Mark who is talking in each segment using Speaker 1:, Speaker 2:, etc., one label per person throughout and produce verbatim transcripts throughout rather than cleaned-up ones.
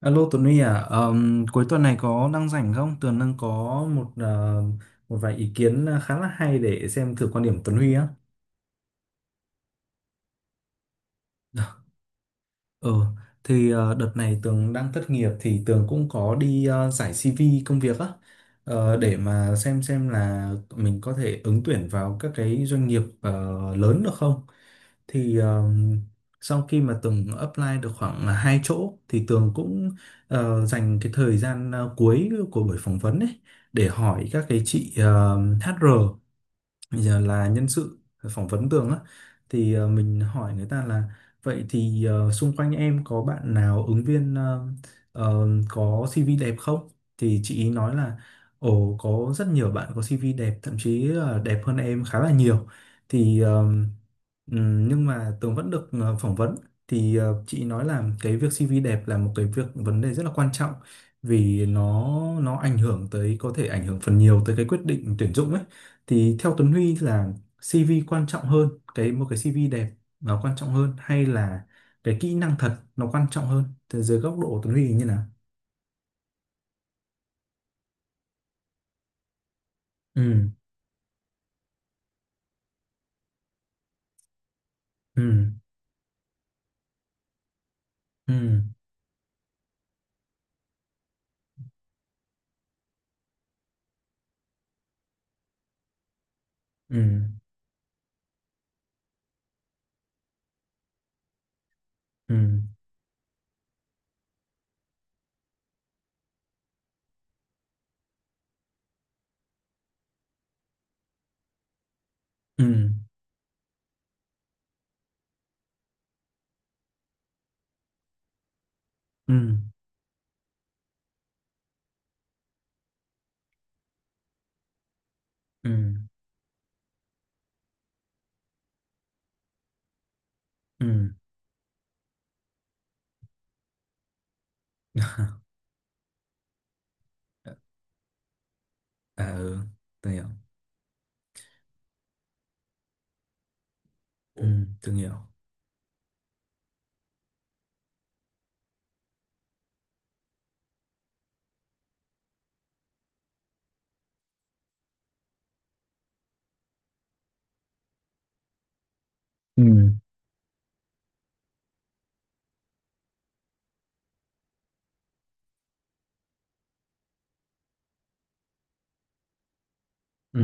Speaker 1: Alo Tuấn Huy à, Ờm, cuối tuần này có đang rảnh không? Tường đang có một ờ, một vài ý kiến khá là hay để xem thử quan điểm Tuấn Huy á. Ừ, thì ờ, đợt này Tường đang thất nghiệp thì Tường cũng có đi ờ, giải si vi công việc á, ờ, để mà xem xem là mình có thể ứng tuyển vào các cái doanh nghiệp ờ, lớn được không. Thì ờ, sau khi mà Tường apply được khoảng là hai chỗ thì Tường cũng ờ, dành cái thời gian ờ, cuối của buổi phỏng vấn ấy để hỏi các cái chị ờ, hát rờ, giờ là nhân sự phỏng vấn tường á, thì ờ, mình hỏi người ta là vậy thì ờ, xung quanh em có bạn nào ứng viên ờ, ờ, có xê vê đẹp không, thì chị ý nói là ồ có rất nhiều bạn có xê vê đẹp thậm chí là đẹp hơn em khá là nhiều. Thì Ừ, nhưng mà Tường vẫn được ờ, phỏng vấn, thì ờ, chị nói là cái việc si vi đẹp là một cái việc vấn đề rất là quan trọng vì nó nó ảnh hưởng tới, có thể ảnh hưởng phần nhiều tới cái quyết định tuyển dụng ấy. Thì theo Tuấn Huy là si vi quan trọng hơn, cái một cái xê vê đẹp nó quan trọng hơn hay là cái kỹ năng thật nó quan trọng hơn, từ dưới góc độ của Tuấn Huy thì như nào? Ừ. Ừ. Ừ. Ừ. Ừ. Ừ. Ừ. Ừ. Ừ. Ừ. À, ừ. Tôi hiểu. Ừ, Tường hiểu. Ừ. Ừ,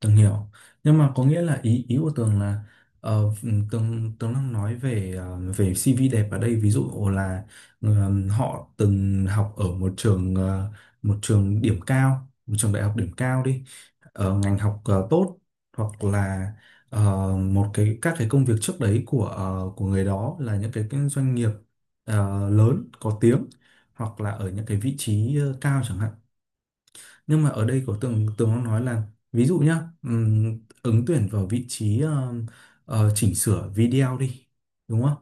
Speaker 1: Tường hiểu. Nhưng mà có nghĩa là ý ý của Tường là ờ, ừ, Tường Tường đang nói về ờ, về si vi đẹp ở đây, ví dụ là ờ, họ từng học ở một trường ờ, một trường điểm cao, một trường đại học điểm cao đi, ở ngành học ờ, tốt, hoặc là ờ, một cái các cái công việc trước đấy của ờ, của người đó là những cái, cái doanh nghiệp ờ, lớn có tiếng, hoặc là ở những cái vị trí ờ, cao chẳng hạn. Nhưng mà ở đây có tường tường nó nói là ví dụ nhá, ừm, ứng tuyển vào vị trí ờ, ờ, chỉnh sửa video đi, đúng không,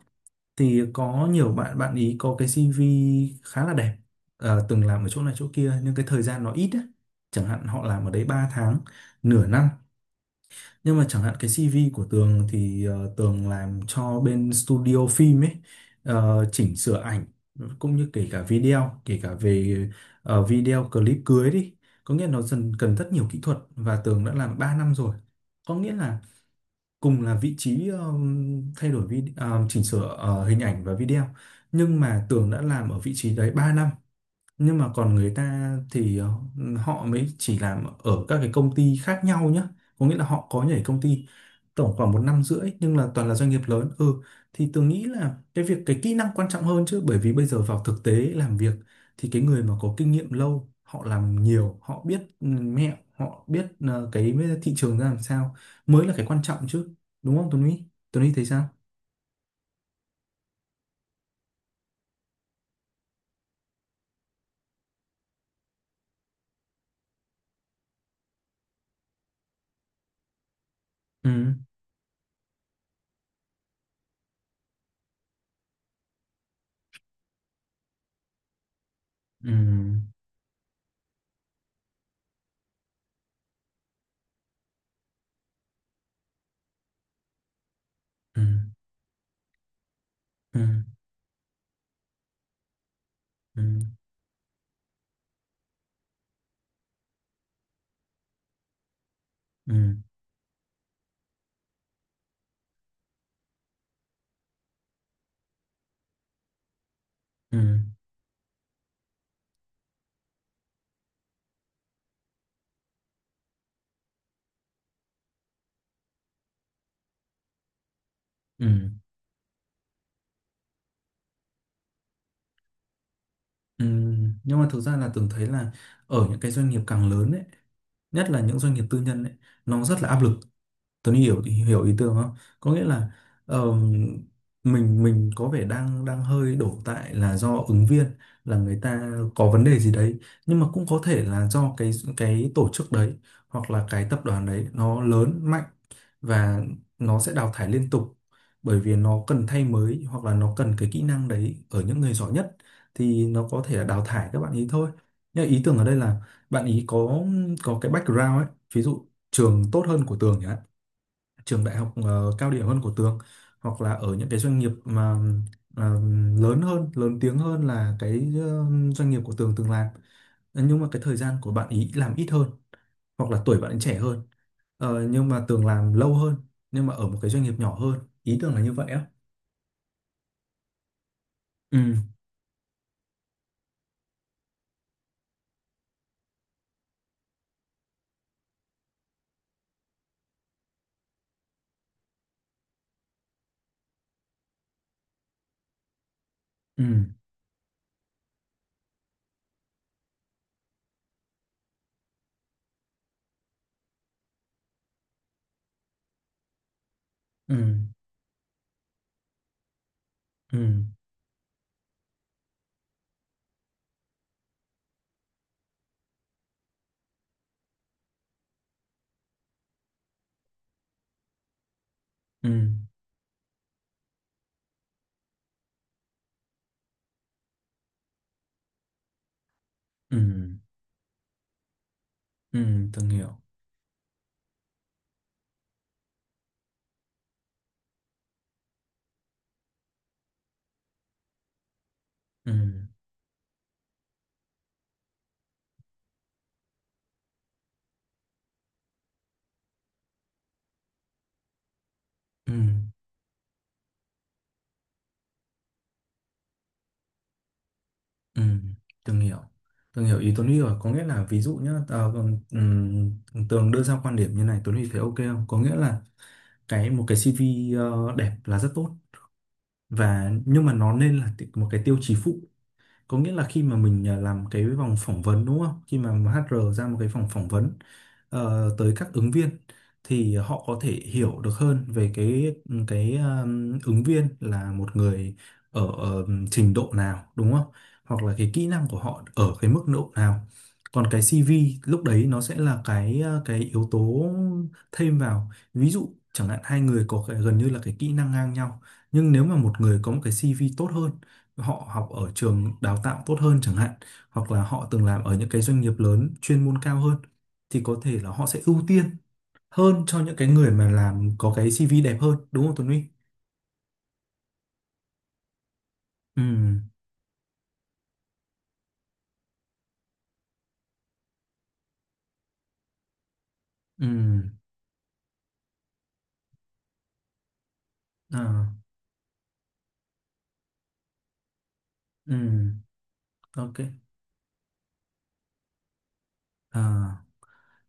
Speaker 1: thì có nhiều bạn, bạn ý có cái si vi khá là đẹp, ờ, từng làm ở chỗ này chỗ kia nhưng cái thời gian nó ít á, chẳng hạn họ làm ở đấy ba tháng, nửa năm. Nhưng mà chẳng hạn cái si vi của Tường thì ờ, Tường làm cho bên studio phim ấy, ờ, chỉnh sửa ảnh cũng như kể cả video, kể cả về ờ, video clip cưới đi. Có nghĩa là nó dần cần rất nhiều kỹ thuật và Tường đã làm ba năm rồi. Có nghĩa là cùng là vị trí ờ, thay đổi vi ờ, chỉnh sửa ờ, hình ảnh và video, nhưng mà Tường đã làm ở vị trí đấy ba năm, nhưng mà còn người ta thì ờ, họ mới chỉ làm ở các cái công ty khác nhau nhá, có nghĩa là họ có nhảy công ty tổng khoảng một năm rưỡi nhưng là toàn là doanh nghiệp lớn. Ừ, thì tôi nghĩ là cái việc cái kỹ năng quan trọng hơn chứ, bởi vì bây giờ vào thực tế làm việc thì cái người mà có kinh nghiệm lâu họ làm nhiều, họ biết ừ, mẹo, họ biết ờ, cái thị trường ra làm sao mới là cái quan trọng chứ, đúng không Tuấn Huy? Tuấn Huy thấy sao? Ừ. Ừ. Ừ. Ừ. Ừ. Ừ. Ừ. Ừ, nhưng mà thực ra là tưởng thấy là ở những cái doanh nghiệp càng lớn ấy, nhất là những doanh nghiệp tư nhân ấy, nó rất là áp lực. Tuấn hiểu hiểu ý tưởng không? Có nghĩa là ờm, mình mình có vẻ đang đang hơi đổ tại là do ứng viên, là người ta có vấn đề gì đấy, nhưng mà cũng có thể là do cái cái tổ chức đấy hoặc là cái tập đoàn đấy nó lớn mạnh và nó sẽ đào thải liên tục, bởi vì nó cần thay mới hoặc là nó cần cái kỹ năng đấy ở những người giỏi nhất, thì nó có thể là đào thải các bạn ý thôi. Nhưng mà ý tưởng ở đây là bạn ý có có cái background ấy, ví dụ trường tốt hơn của Tường nhỉ? Trường đại học ờ, cao điểm hơn của Tường, hoặc là ở những cái doanh nghiệp mà ờ, lớn hơn, lớn tiếng hơn là cái ờ, doanh nghiệp của Tường từng làm. Nhưng mà cái thời gian của bạn ý làm ít hơn hoặc là tuổi bạn ấy trẻ hơn. Ờ, nhưng mà Tường làm lâu hơn nhưng mà ở một cái doanh nghiệp nhỏ hơn. Ý Tường là như vậy á. Ừ. Ừ. Ừ. Ừ. Ừ. Ừ. Ừ. Ừ, Tường hiểu. Ừ. Ừ. Ừ, Tường hiểu. Tường hiểu ý Tuấn Huy rồi, có nghĩa là ví dụ nhá, ờ, còn, ừm, Tường đưa ra quan điểm như này Tuấn Huy thấy ok không. Có nghĩa là cái một cái si vi ờ, đẹp là rất tốt, và nhưng mà nó nên là ti- một cái tiêu chí phụ. Có nghĩa là khi mà mình à, làm cái vòng phỏng vấn đúng không, khi mà hát rờ ra một cái vòng phỏng vấn ờ, tới các ứng viên thì họ có thể hiểu được hơn về cái ừ, cái um, ứng viên là một người ở, ở trình độ nào đúng không, hoặc là cái kỹ năng của họ ở cái mức độ nào. Còn cái si vi lúc đấy nó sẽ là cái à, cái yếu tố thêm vào, ví dụ chẳng hạn hai người có cái, gần như là cái kỹ năng ngang nhau, nhưng nếu mà một người có một cái xê vê tốt hơn, họ học ở trường đào tạo tốt hơn chẳng hạn, hoặc là họ từng làm ở những cái doanh nghiệp lớn chuyên môn cao hơn, thì có thể là họ sẽ ưu tiên hơn cho những cái người mà làm có cái xê vê đẹp hơn, đúng không Tuấn Huy? Ừ. Ừ. À. Ừ. Ok. À.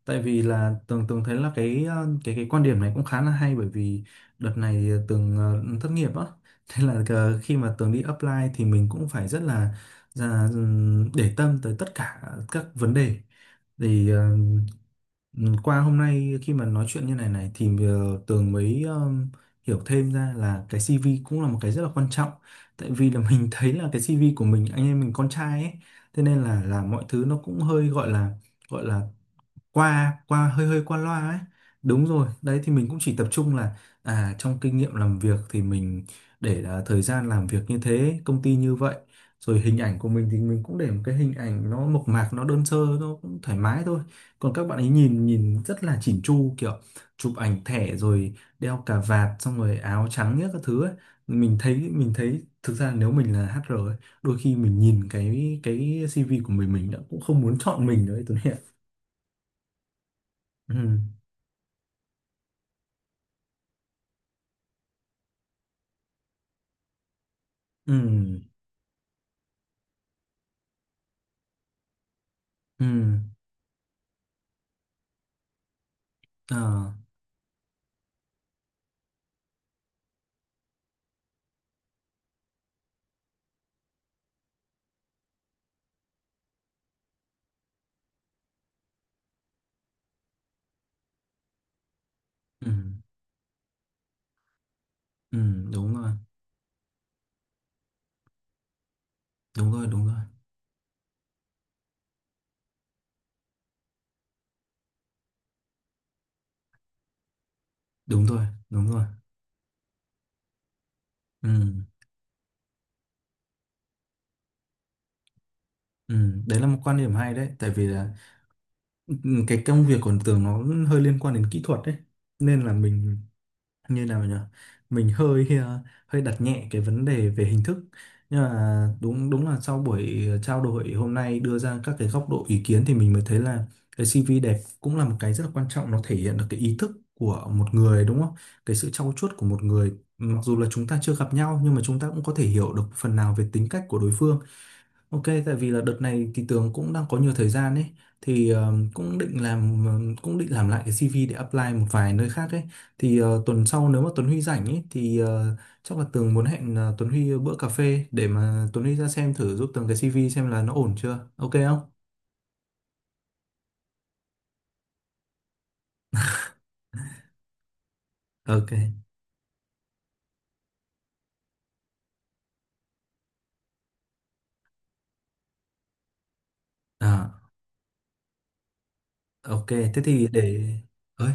Speaker 1: Tại vì là tường tường thấy là cái ờ, cái cái quan điểm này cũng khá là hay, bởi vì đợt này thì tường ờ, thất nghiệp á, thế là ờ, khi mà tường đi apply thì mình cũng phải rất là là, để tâm tới tất cả các vấn đề. Thì ờ, qua hôm nay khi mà nói chuyện như này này, thì ờ, Tường mới ờ, hiểu thêm ra là cái si vi cũng là một cái rất là quan trọng, tại vì là mình thấy là cái si vi của mình anh em mình con trai ấy, thế nên là là mọi thứ nó cũng hơi gọi là, gọi là qua qua hơi hơi qua loa ấy. Đúng rồi, đấy thì mình cũng chỉ tập trung là à trong kinh nghiệm làm việc thì mình để à, thời gian làm việc như thế công ty như vậy, rồi hình ảnh của mình thì mình cũng để một cái hình ảnh nó mộc mạc nó đơn sơ nó cũng thoải mái thôi, còn các bạn ấy nhìn nhìn rất là chỉn chu, kiểu chụp ảnh thẻ rồi đeo cà vạt xong rồi áo trắng nhất các thứ ấy. mình thấy mình thấy thực ra nếu mình là hát rờ ấy, đôi khi mình nhìn cái cái si vi của mình mình đã cũng không muốn chọn mình đấy tôi nghĩ ạ. Ừ. Ừ. Ừ. Ờ. Ừ. Ừ. Đúng rồi. Đúng rồi. Đúng rồi. Đúng rồi. Đúng rồi. Ừ. Ừ. Đấy là một quan điểm hay đấy, tại vì là ừ, cái công việc của tường nó hơi liên quan đến kỹ thuật đấy nên là mình, như nào nhỉ, mình hơi ờ, hơi đặt nhẹ cái vấn đề về hình thức. Nhưng mà đúng đúng là sau buổi ờ, trao đổi hôm nay đưa ra các cái góc độ ý kiến thì mình mới thấy là cái xê vê đẹp cũng là một cái rất là quan trọng, nó thể hiện được cái ý thức của một người đúng không, cái sự trau chuốt của một người, mặc dù là chúng ta chưa gặp nhau nhưng mà chúng ta cũng có thể hiểu được phần nào về tính cách của đối phương. Ok, tại vì là đợt này thì Tường cũng đang có nhiều thời gian ấy, thì ờ, cũng định làm, ờ, cũng định làm lại cái xê vê để apply một vài nơi khác ấy. Thì ờ, tuần sau nếu mà Tuấn Huy rảnh ấy thì ờ, chắc là Tường muốn hẹn ờ, Tuấn Huy bữa cà phê để mà Tuấn Huy ra xem thử giúp Tường cái si vi xem là nó ổn chưa. Ok không? Ok. À, ok, thế thì để, ơi,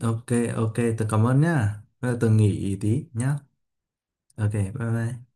Speaker 1: ok. Ok, Tường cảm ơn nhá. Bây giờ Tường nghỉ tí nhá. Ok, bye bye.